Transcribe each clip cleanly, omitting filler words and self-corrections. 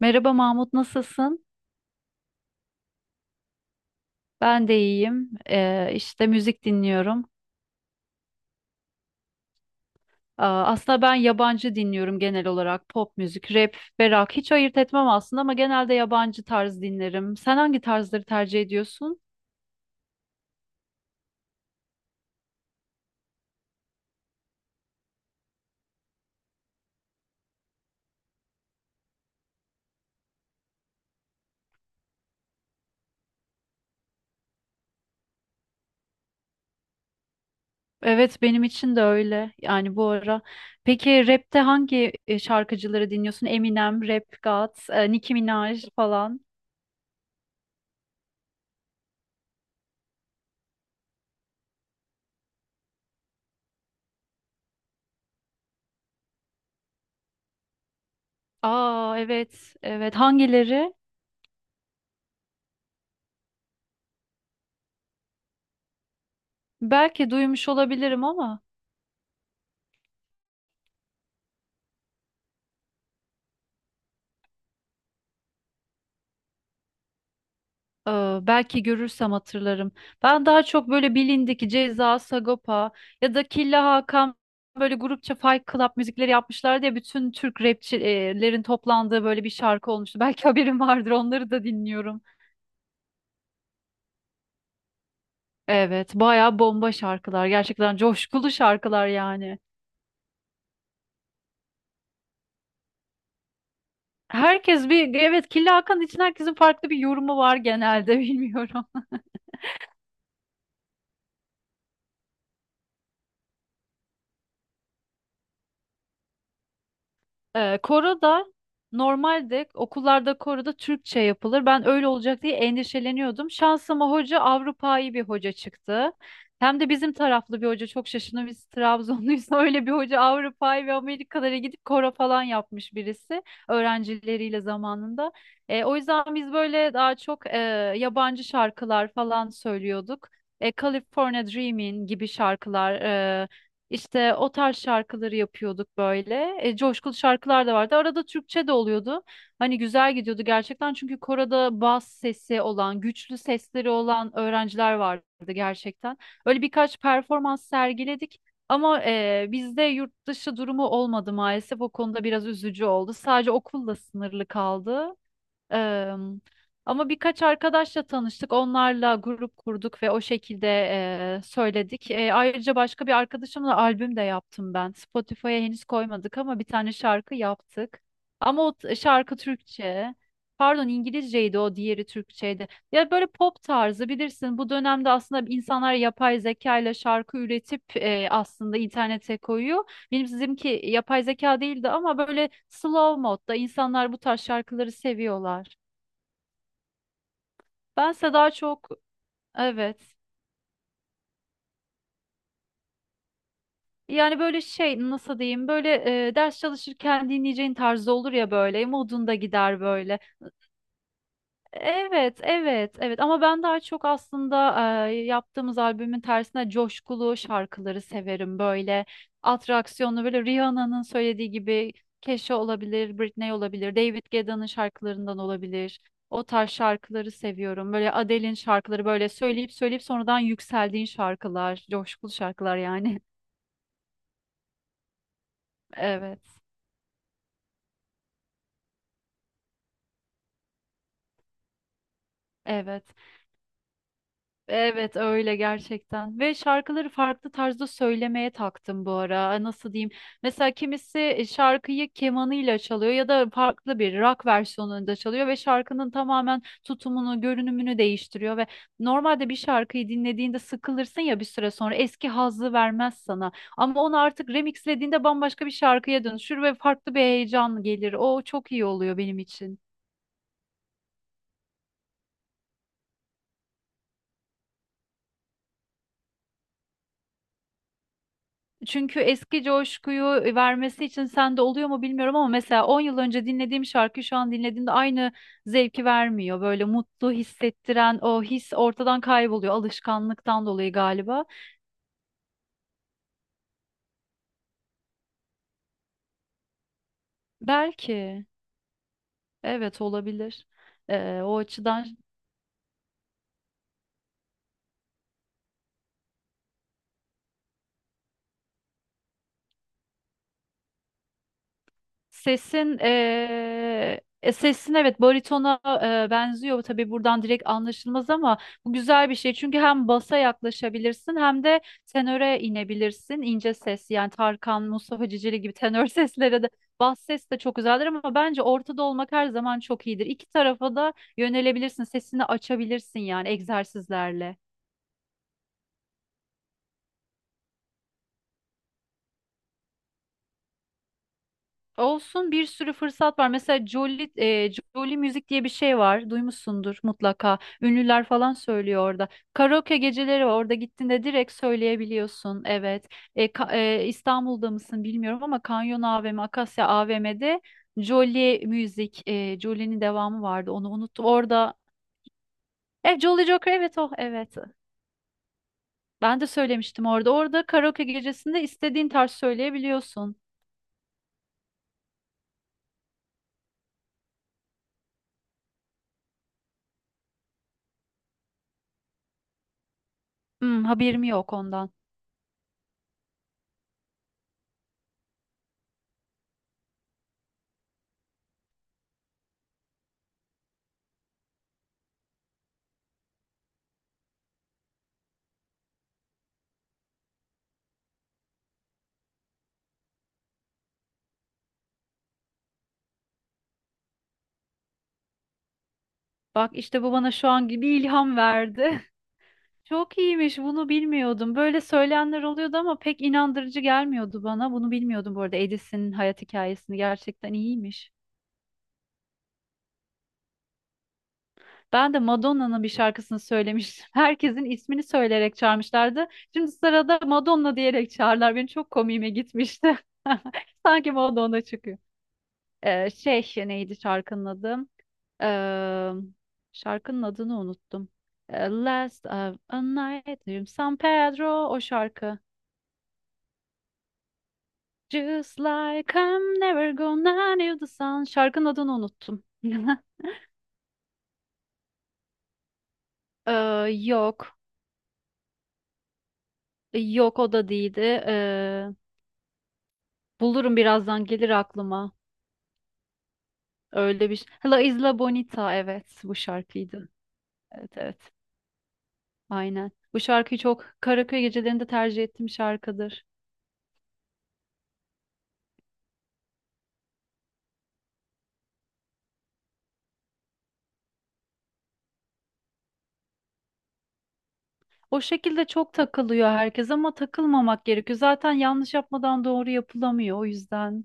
Merhaba Mahmut, nasılsın? Ben de iyiyim. İşte müzik dinliyorum. Aa, aslında ben yabancı dinliyorum genel olarak. Pop müzik, rap ve rock. Hiç ayırt etmem aslında ama genelde yabancı tarz dinlerim. Sen hangi tarzları tercih ediyorsun? Evet, benim için de öyle. Yani bu ara. Peki rapte hangi şarkıcıları dinliyorsun? Eminem, Rap God, Nicki Minaj falan. Aa evet, evet. Hangileri? Belki duymuş olabilirim ama. Belki görürsem hatırlarım. Ben daha çok böyle bilindik Ceza, Sagopa ya da Killa Hakan böyle grupça Fight Club müzikleri yapmışlar diye bütün Türk rapçilerin toplandığı böyle bir şarkı olmuştu. Belki haberin vardır onları da dinliyorum. Evet, bayağı bomba şarkılar. Gerçekten coşkulu şarkılar yani. Herkes bir evet Killa Hakan için herkesin farklı bir yorumu var genelde bilmiyorum. Koro da normalde okullarda koro da Türkçe yapılır. Ben öyle olacak diye endişeleniyordum. Şansıma hoca Avrupa'yı bir hoca çıktı. Hem de bizim taraflı bir hoca çok şaşırdım. Biz Trabzonluyuz, öyle bir hoca Avrupa'yı ve Amerikalara gidip koro falan yapmış birisi öğrencileriyle zamanında. O yüzden biz böyle daha çok yabancı şarkılar falan söylüyorduk. California Dreamin gibi şarkılar, işte o tarz şarkıları yapıyorduk böyle. Coşkulu şarkılar da vardı. Arada Türkçe de oluyordu. Hani güzel gidiyordu gerçekten. Çünkü koroda bas sesi olan, güçlü sesleri olan öğrenciler vardı gerçekten. Öyle birkaç performans sergiledik. Ama bizde yurt dışı durumu olmadı maalesef. O konuda biraz üzücü oldu. Sadece okulla sınırlı kaldı. Em, Ama birkaç arkadaşla tanıştık. Onlarla grup kurduk ve o şekilde söyledik. Ayrıca başka bir arkadaşımla albüm de yaptım ben. Spotify'a henüz koymadık ama bir tane şarkı yaptık. Ama o şarkı Türkçe. Pardon İngilizceydi o, diğeri Türkçeydi. Ya böyle pop tarzı bilirsin. Bu dönemde aslında insanlar yapay zeka ile şarkı üretip aslında internete koyuyor. Benim sizinki yapay zeka değildi ama böyle slow modda insanlar bu tarz şarkıları seviyorlar. Bense daha çok, evet. Yani böyle şey, nasıl diyeyim, böyle ders çalışırken dinleyeceğin tarzı olur ya, böyle modunda gider böyle. Evet, evet, evet. Ama ben daha çok aslında yaptığımız albümün tersine coşkulu şarkıları severim. Böyle atraksiyonlu, böyle Rihanna'nın söylediği gibi, Kesha olabilir, Britney olabilir, David Guetta'nın şarkılarından olabilir. O tarz şarkıları seviyorum. Böyle Adele'in şarkıları, böyle söyleyip söyleyip sonradan yükseldiğin şarkılar, coşkulu şarkılar yani. Evet, evet. Evet öyle gerçekten, ve şarkıları farklı tarzda söylemeye taktım bu ara. Nasıl diyeyim, mesela kimisi şarkıyı kemanıyla çalıyor ya da farklı bir rock versiyonunda çalıyor ve şarkının tamamen tutumunu, görünümünü değiştiriyor. Ve normalde bir şarkıyı dinlediğinde sıkılırsın ya, bir süre sonra eski hazzı vermez sana, ama onu artık remixlediğinde bambaşka bir şarkıya dönüşür ve farklı bir heyecan gelir. O çok iyi oluyor benim için. Çünkü eski coşkuyu vermesi için, sende oluyor mu bilmiyorum ama mesela 10 yıl önce dinlediğim şarkı şu an dinlediğimde aynı zevki vermiyor. Böyle mutlu hissettiren o his ortadan kayboluyor, alışkanlıktan dolayı galiba. Belki, evet, olabilir. O açıdan sesin evet baritona benziyor. Tabii buradan direkt anlaşılmaz ama bu güzel bir şey. Çünkü hem basa yaklaşabilirsin hem de tenöre inebilirsin. İnce ses yani, Tarkan, Mustafa Cicili gibi tenör seslere de, bas ses de çok güzeldir ama bence ortada olmak her zaman çok iyidir. İki tarafa da yönelebilirsin. Sesini açabilirsin yani, egzersizlerle. Olsun, bir sürü fırsat var. Mesela Jolly Müzik diye bir şey var. Duymuşsundur mutlaka. Ünlüler falan söylüyor orada. Karaoke geceleri var. Orada gittiğinde direkt söyleyebiliyorsun. Evet. E, ka- İstanbul'da mısın bilmiyorum ama Kanyon AVM, Akasya AVM'de Jolly Müzik, Jolly'nin devamı vardı. Onu unuttum. Orada Jolly Joker, evet, o, evet. Ben de söylemiştim orada. Orada karaoke gecesinde istediğin tarz söyleyebiliyorsun. Hmm, haberim yok ondan. Bak işte bu bana şu an gibi ilham verdi. Çok iyiymiş, bunu bilmiyordum. Böyle söyleyenler oluyordu ama pek inandırıcı gelmiyordu bana. Bunu bilmiyordum bu arada, Edison'ın hayat hikayesini gerçekten iyiymiş. Ben de Madonna'nın bir şarkısını söylemiştim. Herkesin ismini söyleyerek çağırmışlardı. Şimdi sırada Madonna diyerek çağırlar. Benim çok komiğime gitmişti. Sanki Madonna çıkıyor. Şey, neydi şarkının adı? Eee, Şarkının adını unuttum. Last of a Night in San Pedro o şarkı. Just like I'm never gonna leave the sun. Şarkının adını unuttum. Eee, Yok. Yok, o da değildi. Bulurum, birazdan gelir aklıma. Öyle bir La Isla Bonita, evet, bu şarkıydı. Evet, evet. Aynen. Bu şarkıyı çok karaköy gecelerinde tercih ettiğim şarkıdır. O şekilde çok takılıyor herkes ama takılmamak gerekiyor. Zaten yanlış yapmadan doğru yapılamıyor, o yüzden.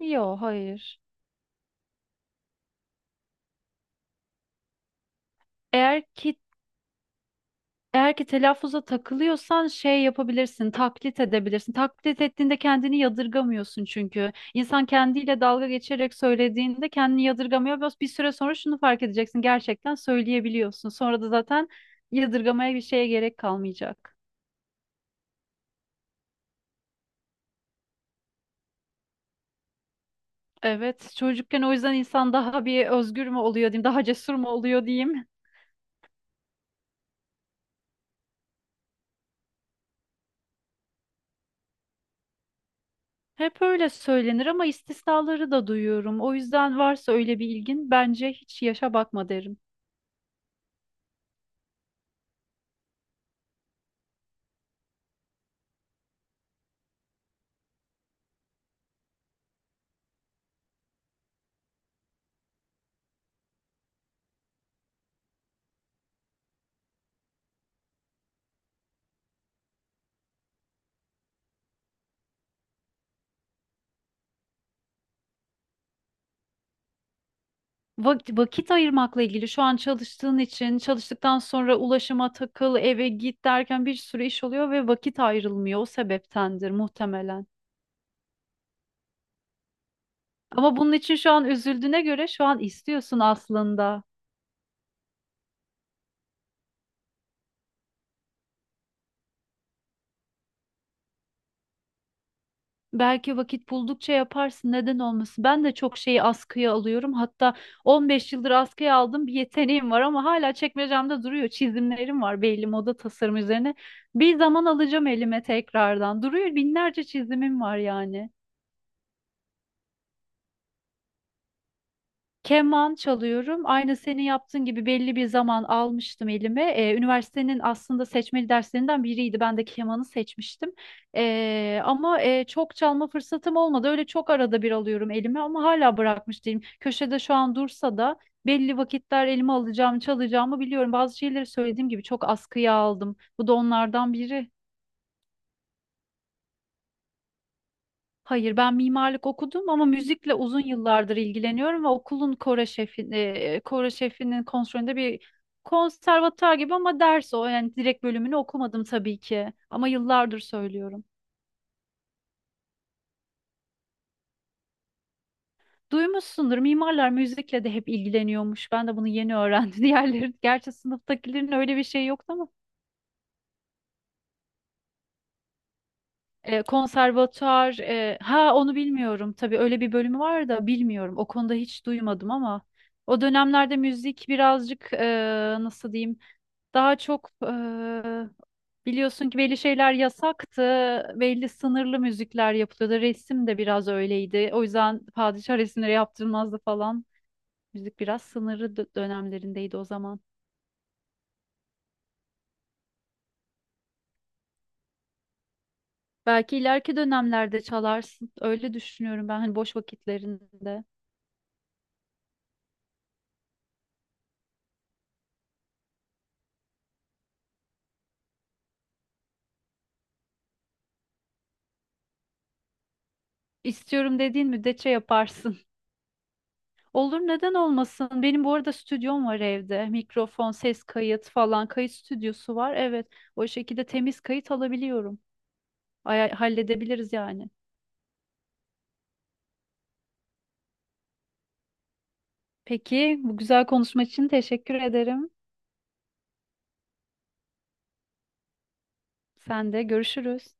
Yok, hayır. Eğer ki eğer ki telaffuza takılıyorsan şey yapabilirsin, taklit edebilirsin. Taklit ettiğinde kendini yadırgamıyorsun çünkü. İnsan kendiyle dalga geçerek söylediğinde kendini yadırgamıyor. Biraz bir süre sonra şunu fark edeceksin: gerçekten söyleyebiliyorsun. Sonra da zaten yadırgamaya, bir şeye gerek kalmayacak. Evet, çocukken o yüzden insan daha bir özgür mü oluyor diyeyim, daha cesur mu oluyor diyeyim. Hep öyle söylenir ama istisnaları da duyuyorum. O yüzden varsa öyle bir ilgin, bence hiç yaşa bakma derim. Vakit ayırmakla ilgili, şu an çalıştığın için çalıştıktan sonra ulaşıma takıl, eve git derken bir sürü iş oluyor ve vakit ayrılmıyor. O sebeptendir muhtemelen. Ama bunun için şu an üzüldüğüne göre şu an istiyorsun aslında. Belki vakit buldukça yaparsın. Neden olmasın? Ben de çok şeyi askıya alıyorum. Hatta 15 yıldır askıya aldım. Bir yeteneğim var ama hala çekmecemde duruyor. Çizimlerim var belli, moda tasarım üzerine. Bir zaman alacağım elime tekrardan. Duruyor, binlerce çizimim var yani. Keman çalıyorum. Aynı senin yaptığın gibi belli bir zaman almıştım elime. Üniversitenin aslında seçmeli derslerinden biriydi. Ben de kemanı seçmiştim. Ama çok çalma fırsatım olmadı. Öyle çok arada bir alıyorum elime ama hala bırakmış değilim. Köşede şu an dursa da belli vakitler elime alacağım, çalacağımı biliyorum. Bazı şeyleri söylediğim gibi çok askıya aldım. Bu da onlardan biri. Hayır, ben mimarlık okudum ama müzikle uzun yıllardır ilgileniyorum ve okulun koro şefi, koro şefinin kontrolünde bir konservatuar gibi, ama ders o. Yani direkt bölümünü okumadım tabii ki ama yıllardır söylüyorum. Duymuşsundur, mimarlar müzikle de hep ilgileniyormuş. Ben de bunu yeni öğrendim. Diğerleri, gerçi sınıftakilerin öyle bir şey yoktu ama konservatuar, ha onu bilmiyorum. Tabii öyle bir bölümü var da bilmiyorum. O konuda hiç duymadım ama o dönemlerde müzik birazcık, nasıl diyeyim, daha çok biliyorsun ki belli şeyler yasaktı. Belli sınırlı müzikler yapılıyordu. Resim de biraz öyleydi. O yüzden padişah resimleri yaptırmazdı falan. Müzik biraz sınırlı dönemlerindeydi o zaman. Belki ileriki dönemlerde çalarsın. Öyle düşünüyorum ben, hani boş vakitlerinde. İstiyorum dediğin müddetçe yaparsın. Olur, neden olmasın? Benim bu arada stüdyom var evde. Mikrofon, ses kayıt falan. Kayıt stüdyosu var. Evet. O şekilde temiz kayıt alabiliyorum. Halledebiliriz yani. Peki bu güzel konuşma için teşekkür ederim. Sen de görüşürüz.